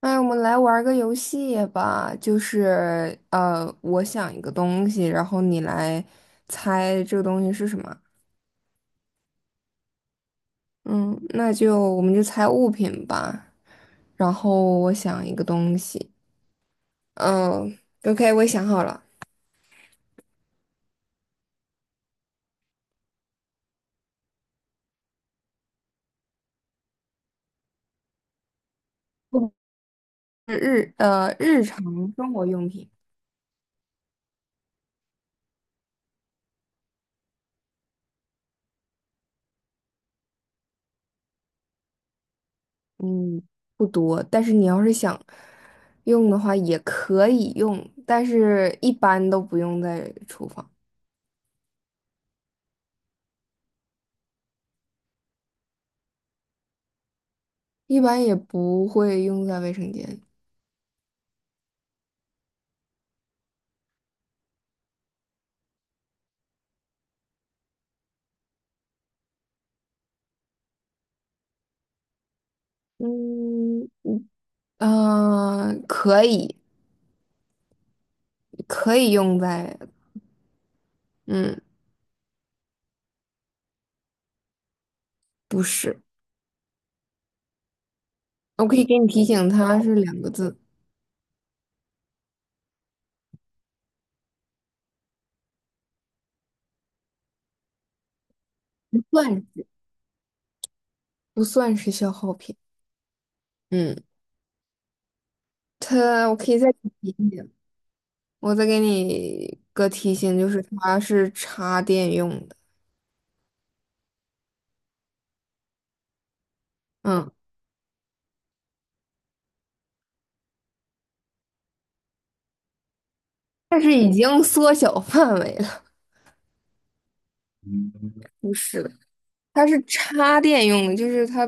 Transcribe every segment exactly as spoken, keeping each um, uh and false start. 哎，我们来玩个游戏吧，就是呃，我想一个东西，然后你来猜这个东西是什么。嗯，那就我们就猜物品吧。然后我想一个东西，嗯，OK，我也想好了，是日呃日常生活用品。嗯，不多，但是你要是想用的话也可以用，但是一般都不用在厨房，一般也不会用在卫生间。嗯，呃，可以，可以用在，嗯，不是，我可以给你提醒，它是两个字，不算不算是消耗品。嗯，它，我可以再给你提醒，我再给你个提醒，就是它是插电用的。嗯，但是已经缩小范围了，不是的。它是插电用的，就是它，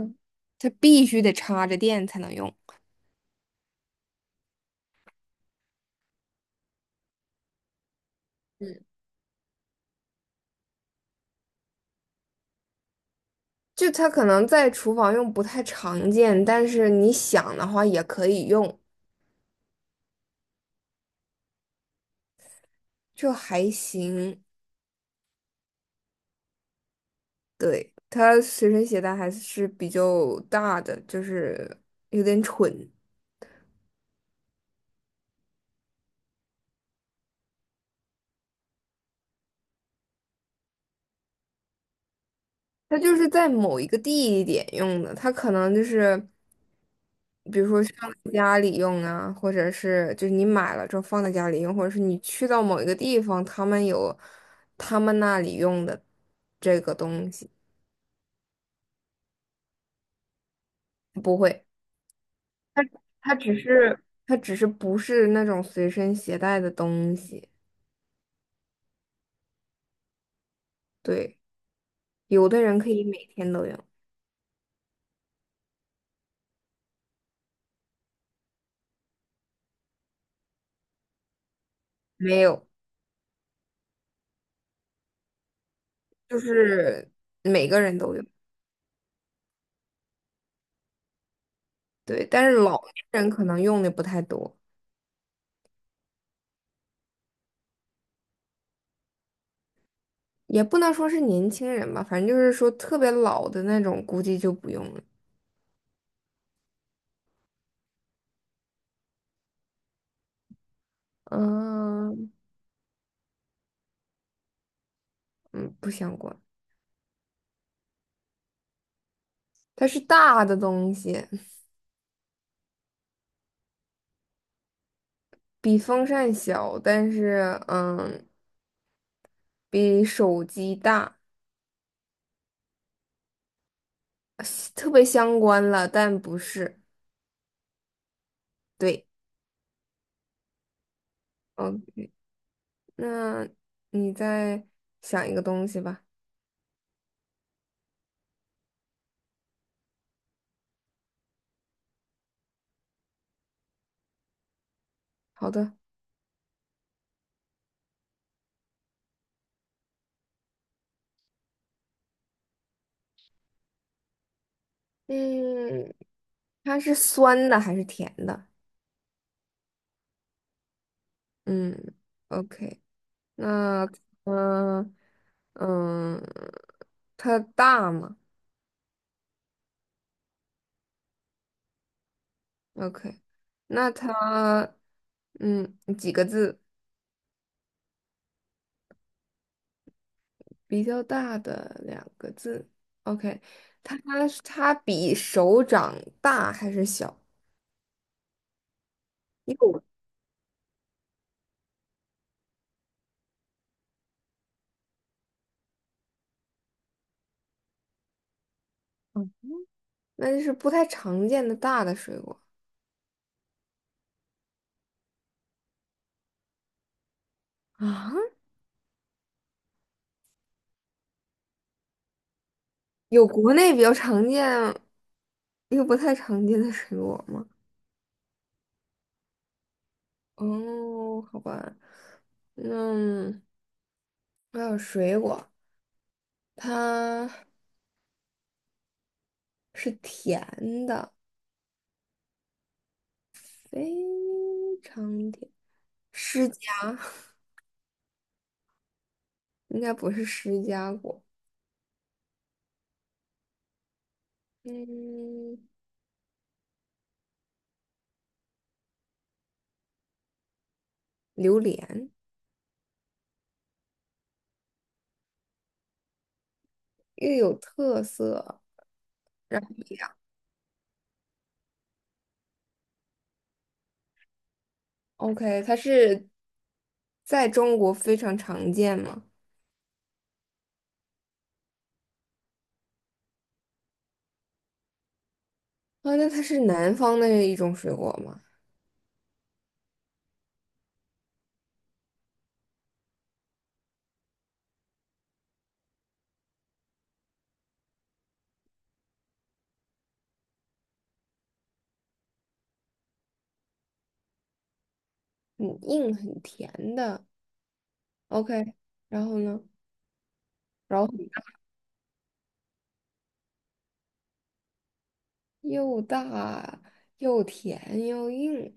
它必须得插着电才能用。嗯。就它可能在厨房用不太常见，但是你想的话也可以用，就还行。对，它随身携带还是比较大的，就是有点蠢。它就是在某一个地点用的，它可能就是比如说放在家里用啊，或者是就是你买了之后放在家里用，或者是你去到某一个地方，他们有他们那里用的这个东西。不会。它只是它只是不是那种随身携带的东西。对，有的人可以每天都用。没有，就是每个人都用。对，但是老年人可能用的不太多，也不能说是年轻人吧，反正就是说特别老的那种，估计就不用了。嗯嗯，不相关，它是大的东西，比风扇小，但是嗯，比手机大，特别相关了，但不是。对，嗯。那你再想一个东西吧。好的，嗯，它是酸的还是甜的？嗯，OK，那嗯嗯，它大吗？OK,那它嗯几个字？比较大的两个字。OK,它它比手掌大还是小？有，那就是不太常见的大的水果啊。有国内比较常见，又不太常见的水果吗？哦，好吧，那还有水果，它是甜的，非常甜。释迦应该不是释迦果，嗯，榴莲又有特色，然后 OK,它是在中国非常常见吗？啊，那它是南方的一种水果吗？很硬很甜的。OK,然后呢？然后很大又大又甜又硬，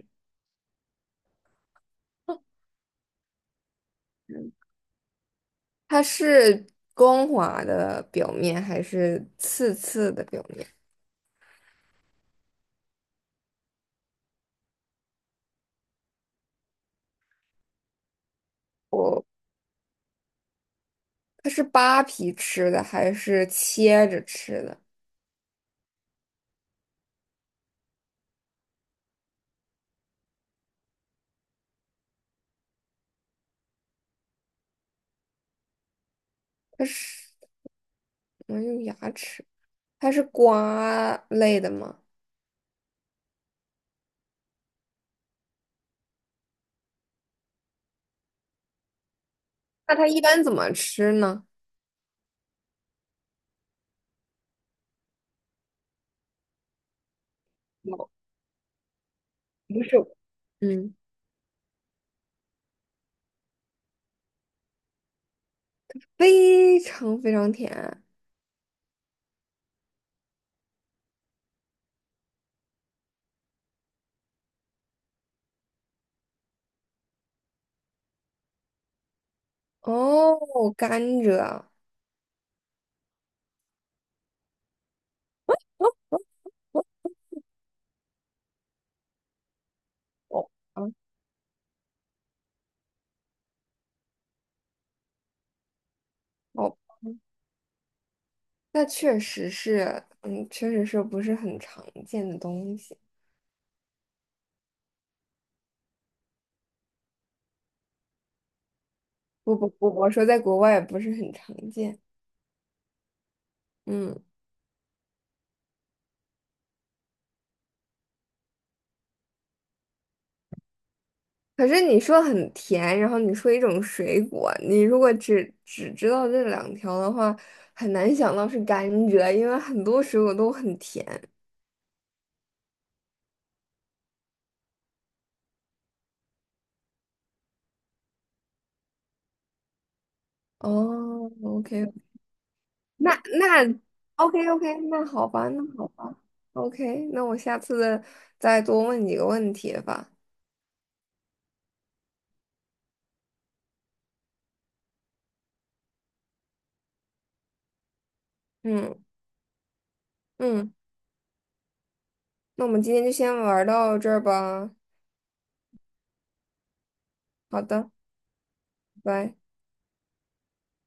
它是光滑的表面还是刺刺的表面？我它是扒皮吃的还是切着吃的？它是怎么用牙齿？它是瓜类的吗？那它一般怎么吃呢？有不是，嗯，非常非常甜。哦，甘蔗。哦，嗯，哦，那确实是，嗯，确实是不是很常见的东西。不不不，我说在国外也不是很常见。嗯，可是你说很甜，然后你说一种水果，你如果只只知道这两条的话，很难想到是甘蔗，因为很多水果都很甜。哦，OK,那那 OK OK，那好吧，那好吧，OK,那我下次再多问几个问题吧。嗯嗯。那我们今天就先玩到这儿吧。好的，拜拜。